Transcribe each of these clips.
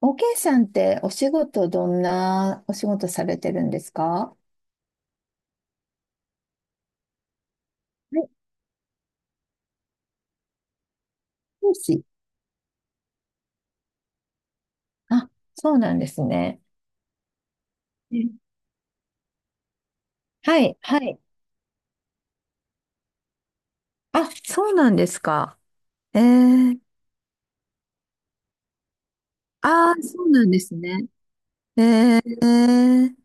OK さんってお仕事どんなお仕事されてるんですか？はい、講師。あ、そうなんですね。うん、はい、はい。あ、そうなんですか。えー、ああ、そうなんですね。えー、えー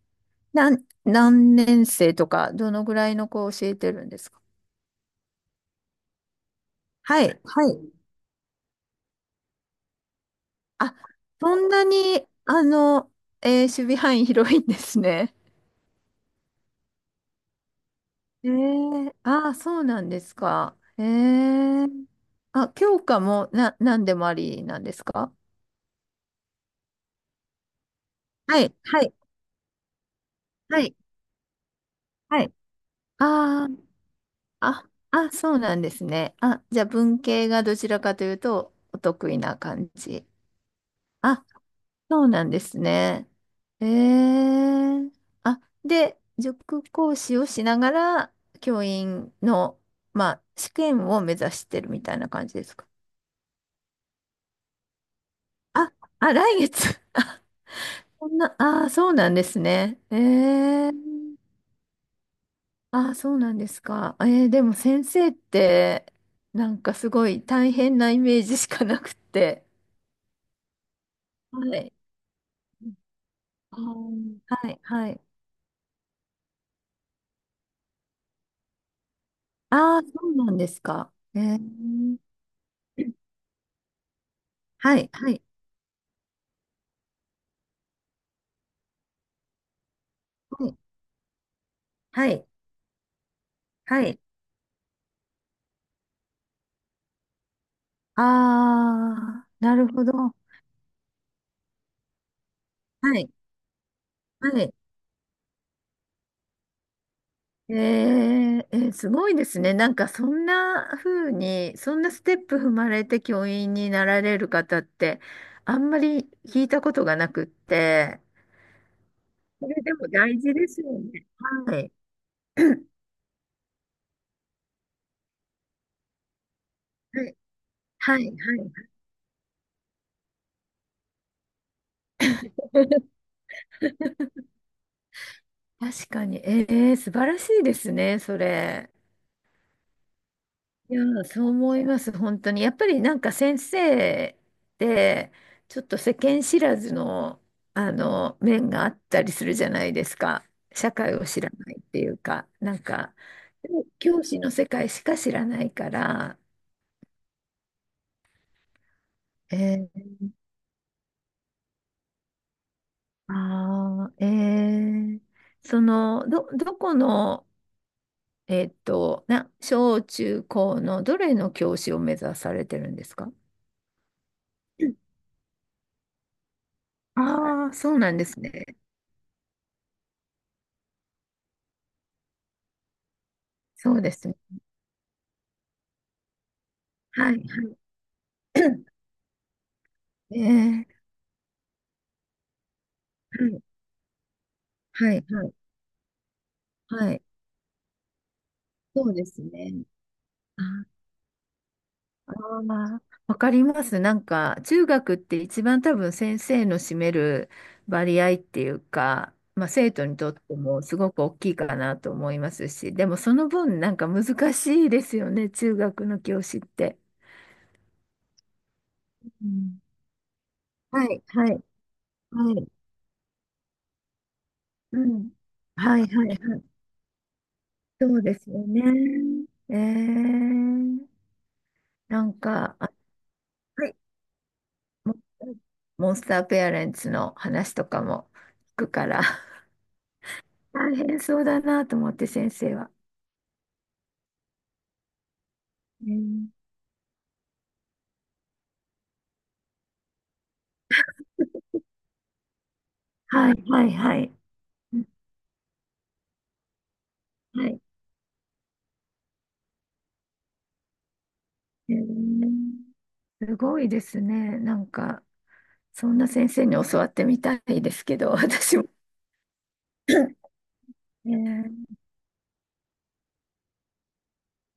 なん、何年生とか、どのぐらいの子を教えてるんですか？はい、はい。あ、そんなに、守備範囲広いんですね。えー、ああ、そうなんですか。ええ、あ、教科もな、何でもありなんですか？はい、はい、はい、はい。あ、あ、あ、あ、そうなんですね。あ、じゃあ文系がどちらかというとお得意な感じ。あ、そうなんですね。ええ、あ、で、塾講師をしながら教員の、まあ、試験を目指してるみたいな感じですか？あ、来月。そんな、ああ、そうなんですね。ええ、ああ、そうなんですか。ええ、でも先生って、なんかすごい大変なイメージしかなくって。はい。あー、はい、はい。ああ、そうなんですか。ええ、はい、はい、はい、はい、はい。ああ、なるほど。はい、はい。すごいですね。なんかそんな風に、そんなステップ踏まれて教員になられる方って、あんまり聞いたことがなくって、それでも大事ですよね。はい。はい、はい、はい。確かに。素晴らしいですね、それ。いやー、そう思います、本当に。やっぱりなんか先生ってちょっと世間知らずの、あの面があったりするじゃないですか。社会を知らないっていうか、なんか、でも教師の世界しか知らないから、えー、あー、えー、どこの、小中高のどれの教師を目指されてるんですか？うん、ああー、そうなんですね。そうですね。はい。ええ、はい、はい、はい、はい。そうですね。あまあー、わかります。なんか、中学って一番多分先生の占める割合っていうか、まあ、生徒にとってもすごく大きいかなと思いますし、でもその分なんか難しいですよね、中学の教師って。うん、はい、はい、はい、うん。はい、はい、はい。そうですよね。ええ、なんか、はいモンモンスターペアレンツの話とかも聞くから。 大変そうだなと思って先生は。うん、はいはいはい。うん、はい。へえ、すごいですね。なんか、そんな先生に教わってみたいですけど、私も。え、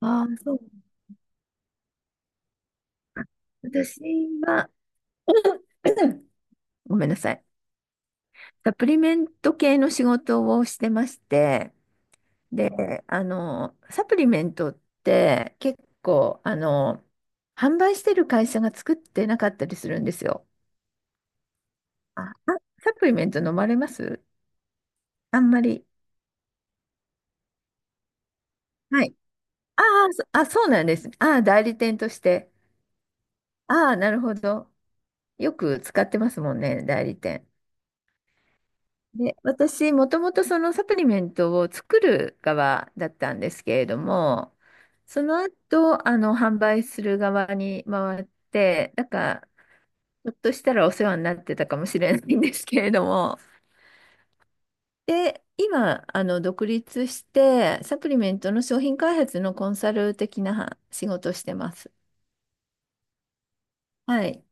ああー、そう。私は、ごめんなさい。サプリメント系の仕事をしてまして、で、あの、サプリメントって結構、あの、販売してる会社が作ってなかったりするんですよ。あ、あサプリメント飲まれます？あんまり。はい。ああ、そうなんですね。ああ、代理店として。ああ、なるほど。よく使ってますもんね、代理店。で、私、もともとそのサプリメントを作る側だったんですけれども、その後、あの、販売する側に回って、だから、ひょっとしたらお世話になってたかもしれないんですけれども。で、今、あの、独立して、サプリメントの商品開発のコンサル的な仕事をしてます。はい。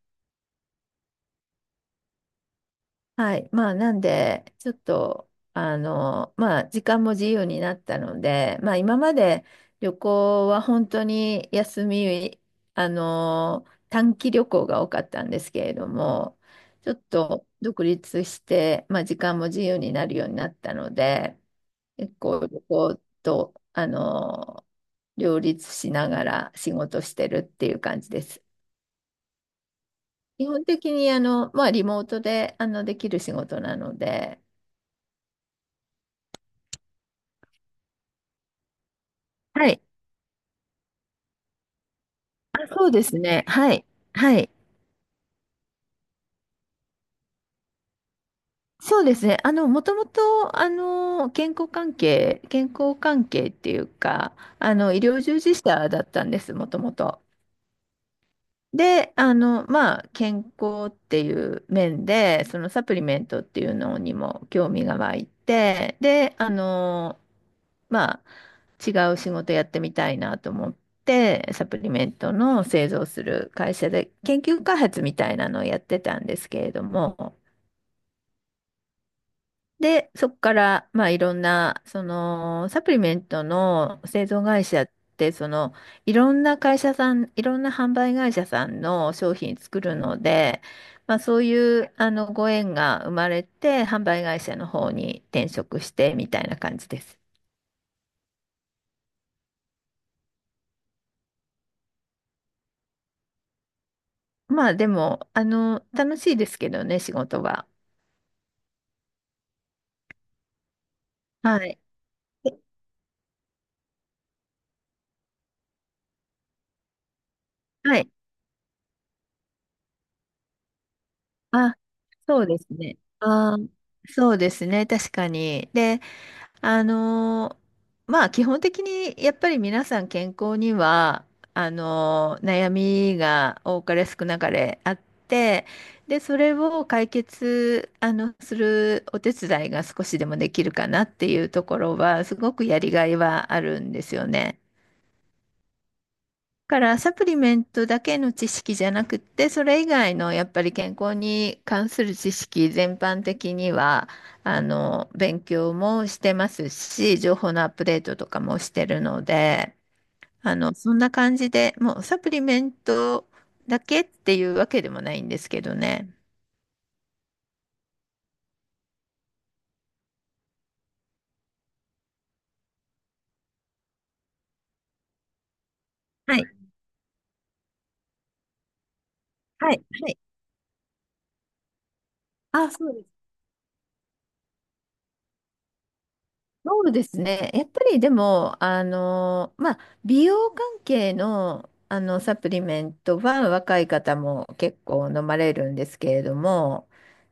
はい。まあ、なんで、ちょっと、あの、まあ、時間も自由になったので、まあ、今まで旅行は本当に休み、あの、短期旅行が多かったんですけれども、ちょっと独立して、まあ、時間も自由になるようになったので、結構旅行と、あの、両立しながら仕事してるっていう感じです。基本的に、あの、まあ、リモートで、あの、できる仕事なので、はい、そうですね。はい、はい。そうですね。あの、もともと、あの、健康関係っていうか、あの、医療従事者だったんです、もともと。で、あの、まあ、健康っていう面で、そのサプリメントっていうのにも興味が湧いて、で、あの、まあ、違う仕事やってみたいなと思って、サプリメントの製造する会社で研究開発みたいなのをやってたんですけれども、で、そこから、まあ、いろんな、その、サプリメントの製造会社って、その、いろんな会社さん、いろんな販売会社さんの商品作るので、まあ、そういう、あの、ご縁が生まれて、販売会社の方に転職して、みたいな感じです。まあ、でも、あの、楽しいですけどね、仕事は。はい。はい。あ、そうですね。あー、そうですね。確かに。で、あのー、まあ基本的にやっぱり皆さん健康にはあのー悩みが多かれ少なかれあって、でそれを解決あのするお手伝いが少しでもできるかなっていうところはすごくやりがいはあるんですよね。からサプリメントだけの知識じゃなくって、それ以外のやっぱり健康に関する知識全般的には、あの、勉強もしてますし、情報のアップデートとかもしてるので、あの、そんな感じで、もうサプリメントだけっていうわけでもないんですけどね。はい、はい、はい。あ、そうですそうですね。やっぱりでも、あの、まあ、美容関係の、あの、サプリメントは若い方も結構飲まれるんですけれども、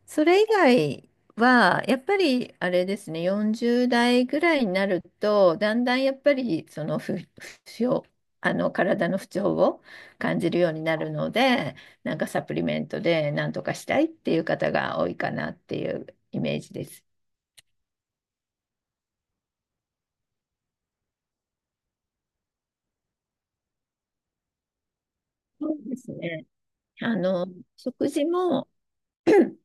それ以外は、やっぱりあれですね、40代ぐらいになると、だんだんやっぱり、不調、あの、体の不調を感じるようになるので、なんかサプリメントでなんとかしたいっていう方が多いかなっていうイメージです。そうですね。あの、食事も、うん、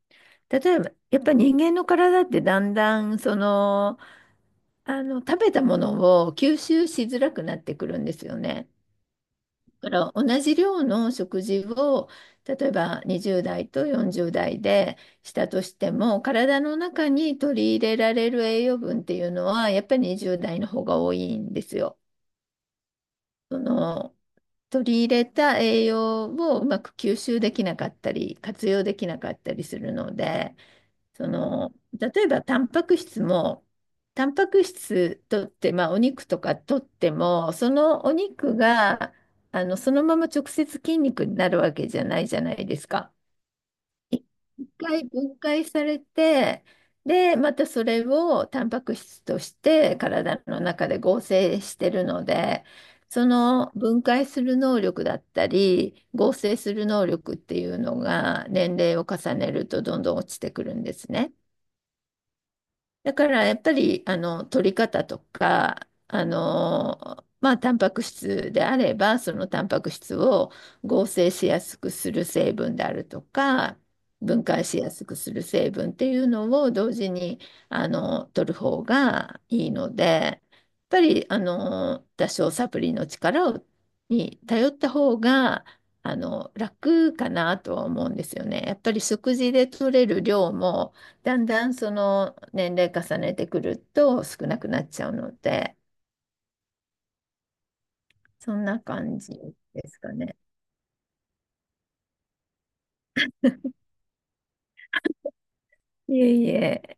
例えば、やっぱり人間の体ってだんだん、その、あの、食べたものを吸収しづらくなってくるんですよね。だから同じ量の食事を、例えば20代と40代でしたとしても、体の中に取り入れられる栄養分っていうのは、やっぱり20代の方が多いんですよ。その、取り入れた栄養をうまく吸収できなかったり、活用できなかったりするので、その、例えばタンパク質も、タンパク質とって、まあ、お肉とかとっても、そのお肉が、あの、そのまま直接筋肉になるわけじゃないじゃないですか。一回分解されて、で、またそれをタンパク質として体の中で合成してるので、その分解する能力だったり、合成する能力っていうのが年齢を重ねるとどんどん落ちてくるんですね。だからやっぱりあの取り方とかあのまあタンパク質であればそのタンパク質を合成しやすくする成分であるとか分解しやすくする成分っていうのを同時にあの取る方がいいので、やっぱりあの多少サプリの力をに頼った方があの楽かなとは思うんですよね。やっぱり食事で取れる量もだんだんその年齢重ねてくると少なくなっちゃうので、そんな感じですかね。いえいえ。